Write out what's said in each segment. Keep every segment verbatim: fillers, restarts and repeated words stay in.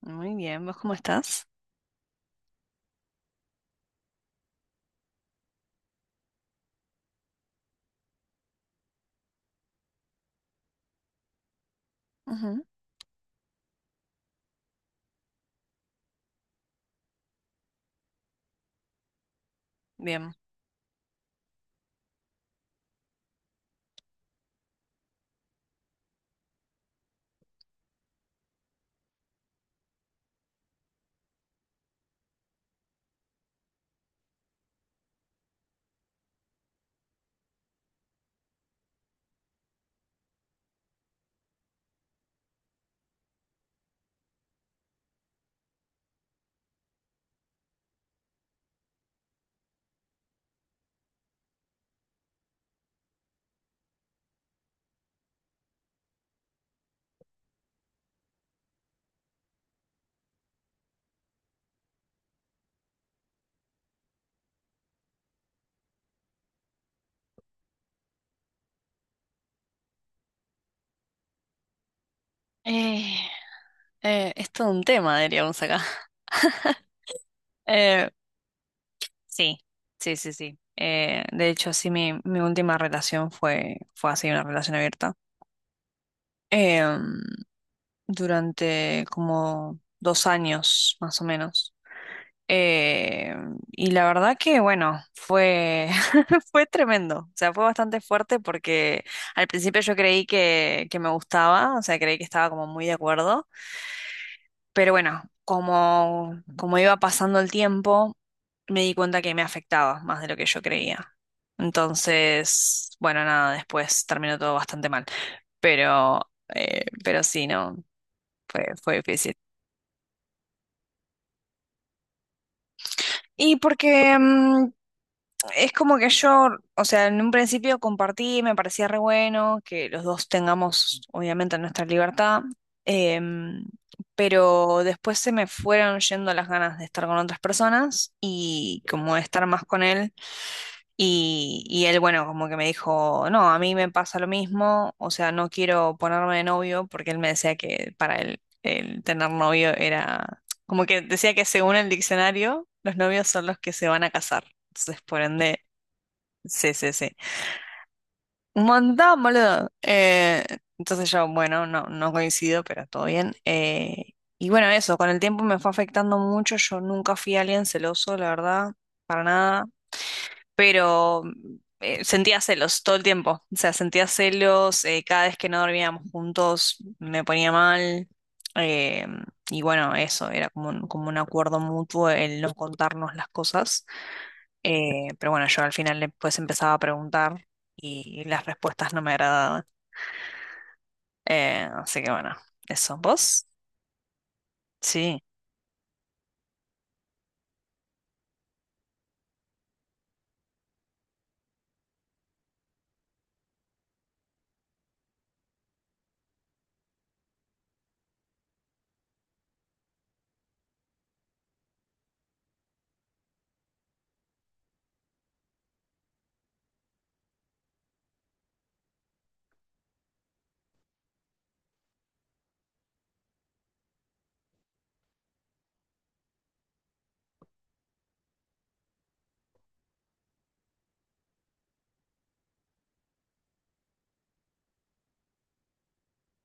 Muy bien, ¿vos cómo estás? Ujú, bien. Eh, eh, es todo un tema, diríamos acá. Eh, sí, sí, sí, sí. Eh, de hecho, sí, mi, mi última relación fue, fue así, una relación abierta. Em, Durante como dos años, más o menos. Em, y la verdad que, bueno, fue, fue tremendo. O sea, fue bastante fuerte porque al principio yo creí que, que me gustaba, o sea, creí que estaba como muy de acuerdo. Pero bueno, como, como iba pasando el tiempo, me di cuenta que me afectaba más de lo que yo creía. Entonces, bueno, nada, después terminó todo bastante mal. Pero, eh, pero sí, no, fue, fue difícil. Y porque mm, es como que yo, o sea, en un principio compartí, me parecía re bueno que los dos tengamos, obviamente, nuestra libertad, em, pero después se me fueron yendo las ganas de estar con otras personas y como de estar más con él. Y, y él, bueno, como que me dijo, no, a mí me pasa lo mismo, o sea, no quiero ponerme de novio porque él me decía que para él el tener novio era, como que decía que según el diccionario, los novios son los que se van a casar. Entonces, por ende... Sí, sí, sí. Un montón, boludo. Eh, entonces yo, bueno, no, no coincido, pero todo bien. Eh, y bueno, eso, con el tiempo me fue afectando mucho. Yo nunca fui alguien celoso, la verdad, para nada. Pero eh, sentía celos todo el tiempo. O sea, sentía celos. Eh, cada vez que no dormíamos juntos me ponía mal. eh, y bueno, eso, era como un, como un acuerdo mutuo el no contarnos las cosas. Eh, pero bueno, yo al final le pues empezaba a preguntar y las respuestas no me agradaban. Eh, así que bueno, eso. ¿Vos? Sí,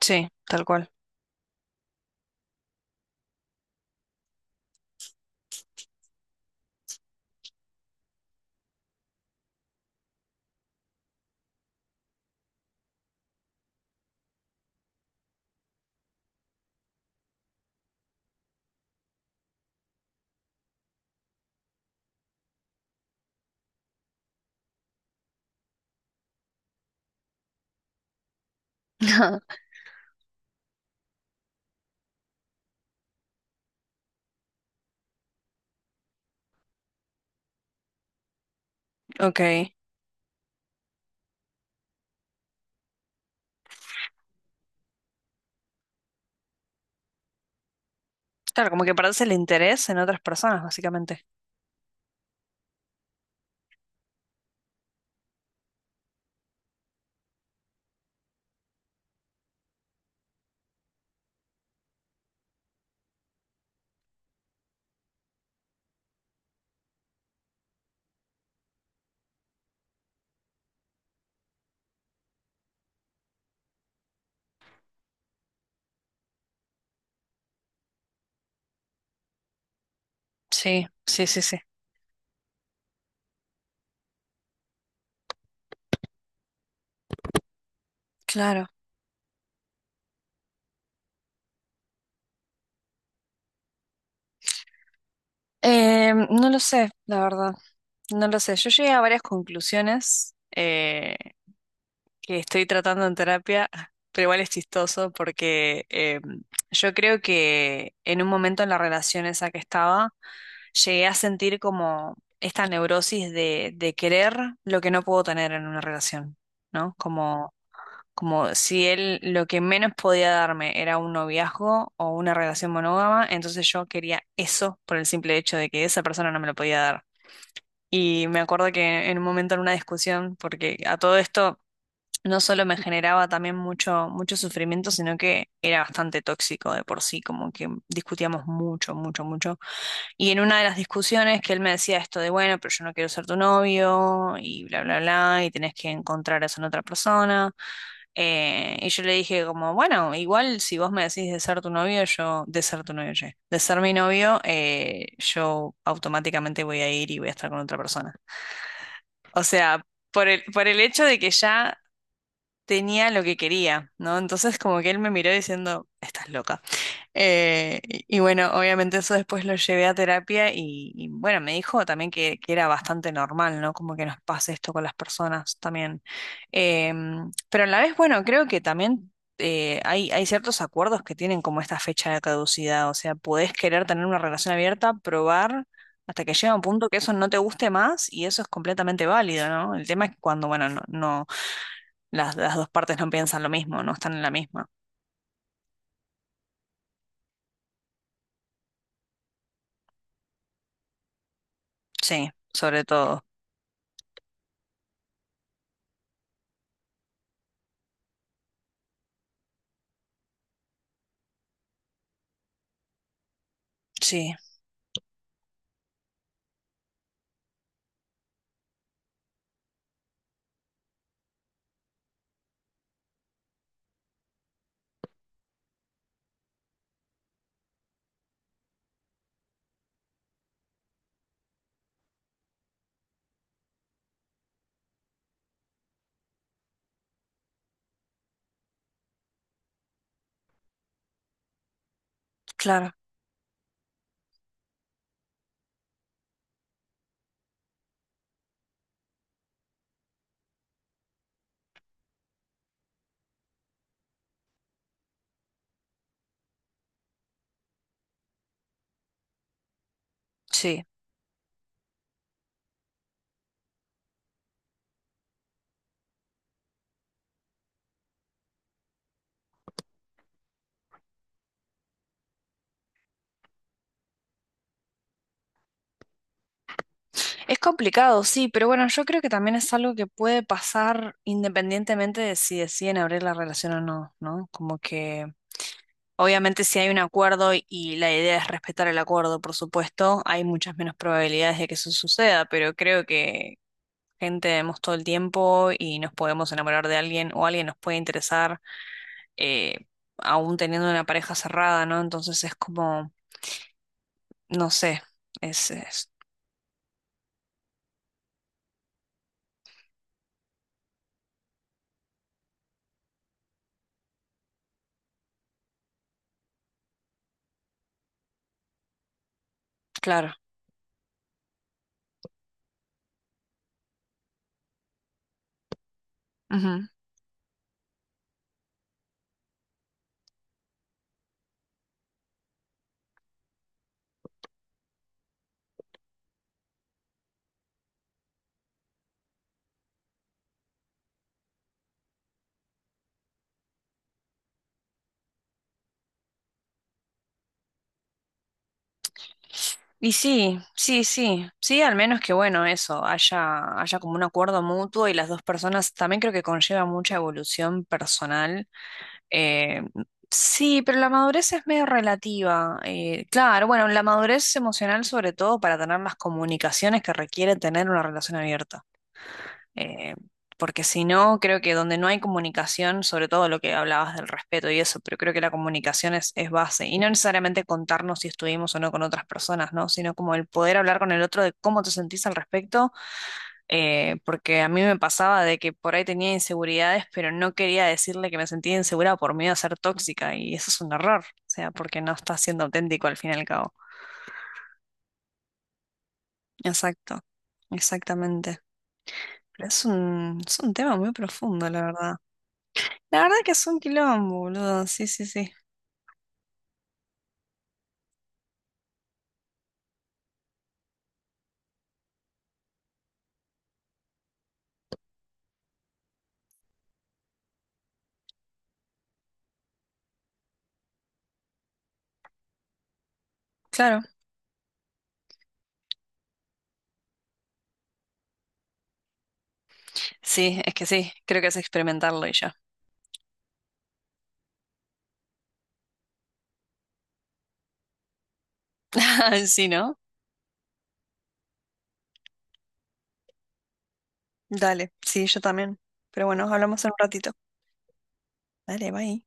sí, tal cual. Ok. Claro, como que parece el interés en otras personas, básicamente. Sí, sí, sí, sí. Claro. Eh, no lo sé, la verdad. No lo sé. Yo llegué a varias conclusiones. Eh, que estoy tratando en terapia, pero igual es chistoso porque eh, yo creo que en un momento en la relación esa que estaba, llegué a sentir como esta neurosis de, de querer lo que no puedo tener en una relación, ¿no? Como, como si él lo que menos podía darme era un noviazgo o una relación monógama, entonces yo quería eso por el simple hecho de que esa persona no me lo podía dar. Y me acuerdo que en un momento en una discusión, porque a todo esto no solo me generaba también mucho, mucho sufrimiento, sino que era bastante tóxico de por sí, como que discutíamos mucho, mucho, mucho. Y en una de las discusiones que él me decía esto de, bueno, pero yo no quiero ser tu novio y bla, bla, bla, y tenés que encontrar eso en otra persona. Eh, y yo le dije como, bueno, igual si vos me decís de ser tu novio, yo, de ser tu novio, che, de ser mi novio, eh, yo automáticamente voy a ir y voy a estar con otra persona. O sea... Por el, por el hecho de que ya tenía lo que quería, ¿no? Entonces como que él me miró diciendo, estás loca. Eh, y y bueno, obviamente eso después lo llevé a terapia y, y bueno, me dijo también que, que era bastante normal, ¿no? Como que nos pase esto con las personas también. Em, pero a la vez, bueno, creo que también... eh, Hay, hay ciertos acuerdos que tienen como esta fecha de caducidad, o sea, podés querer tener una relación abierta, probar hasta que llega un punto que eso no te guste más y eso es completamente válido, ¿no? El tema es que cuando, bueno, no, no las, las dos partes no piensan lo mismo, no están en la misma. Sí, sobre todo. Sí, claro, sí. Es complicado, sí, pero bueno, yo creo que también es algo que puede pasar independientemente de si deciden abrir la relación o no, ¿no? Como que obviamente si hay un acuerdo y y la idea es respetar el acuerdo, por supuesto, hay muchas menos probabilidades de que eso suceda, pero creo que gente vemos todo el tiempo y nos podemos enamorar de alguien o alguien nos puede interesar. eh, Aún teniendo una pareja cerrada, ¿no? Entonces es como, no sé, es, es- claro. Ujú. Y sí, sí, sí, sí, al menos que bueno, eso, haya, haya como un acuerdo mutuo y las dos personas también creo que conlleva mucha evolución personal. Eh, sí, pero la madurez es medio relativa. Eh, claro, bueno, la madurez emocional sobre todo para tener las comunicaciones que requiere tener una relación abierta. eh, Porque si no, creo que donde no hay comunicación, sobre todo lo que hablabas del respeto y eso, pero creo que la comunicación es, es base. Y no necesariamente contarnos si estuvimos o no con otras personas, ¿no? Sino como el poder hablar con el otro de cómo te sentís al respecto, eh, porque a mí me pasaba de que por ahí tenía inseguridades, pero no quería decirle que me sentía insegura por miedo a ser tóxica, y eso es un error, o sea, porque no estás siendo auténtico al fin y al cabo. Exacto, exactamente. Es un, es un tema muy profundo, la verdad. La verdad que es un quilombo, boludo. Sí, sí, sí. Claro. Sí, es que sí. Creo que es experimentarlo y ya. Sí, ¿no? Dale. Sí, yo también. Pero bueno, hablamos en un ratito. Dale, bye.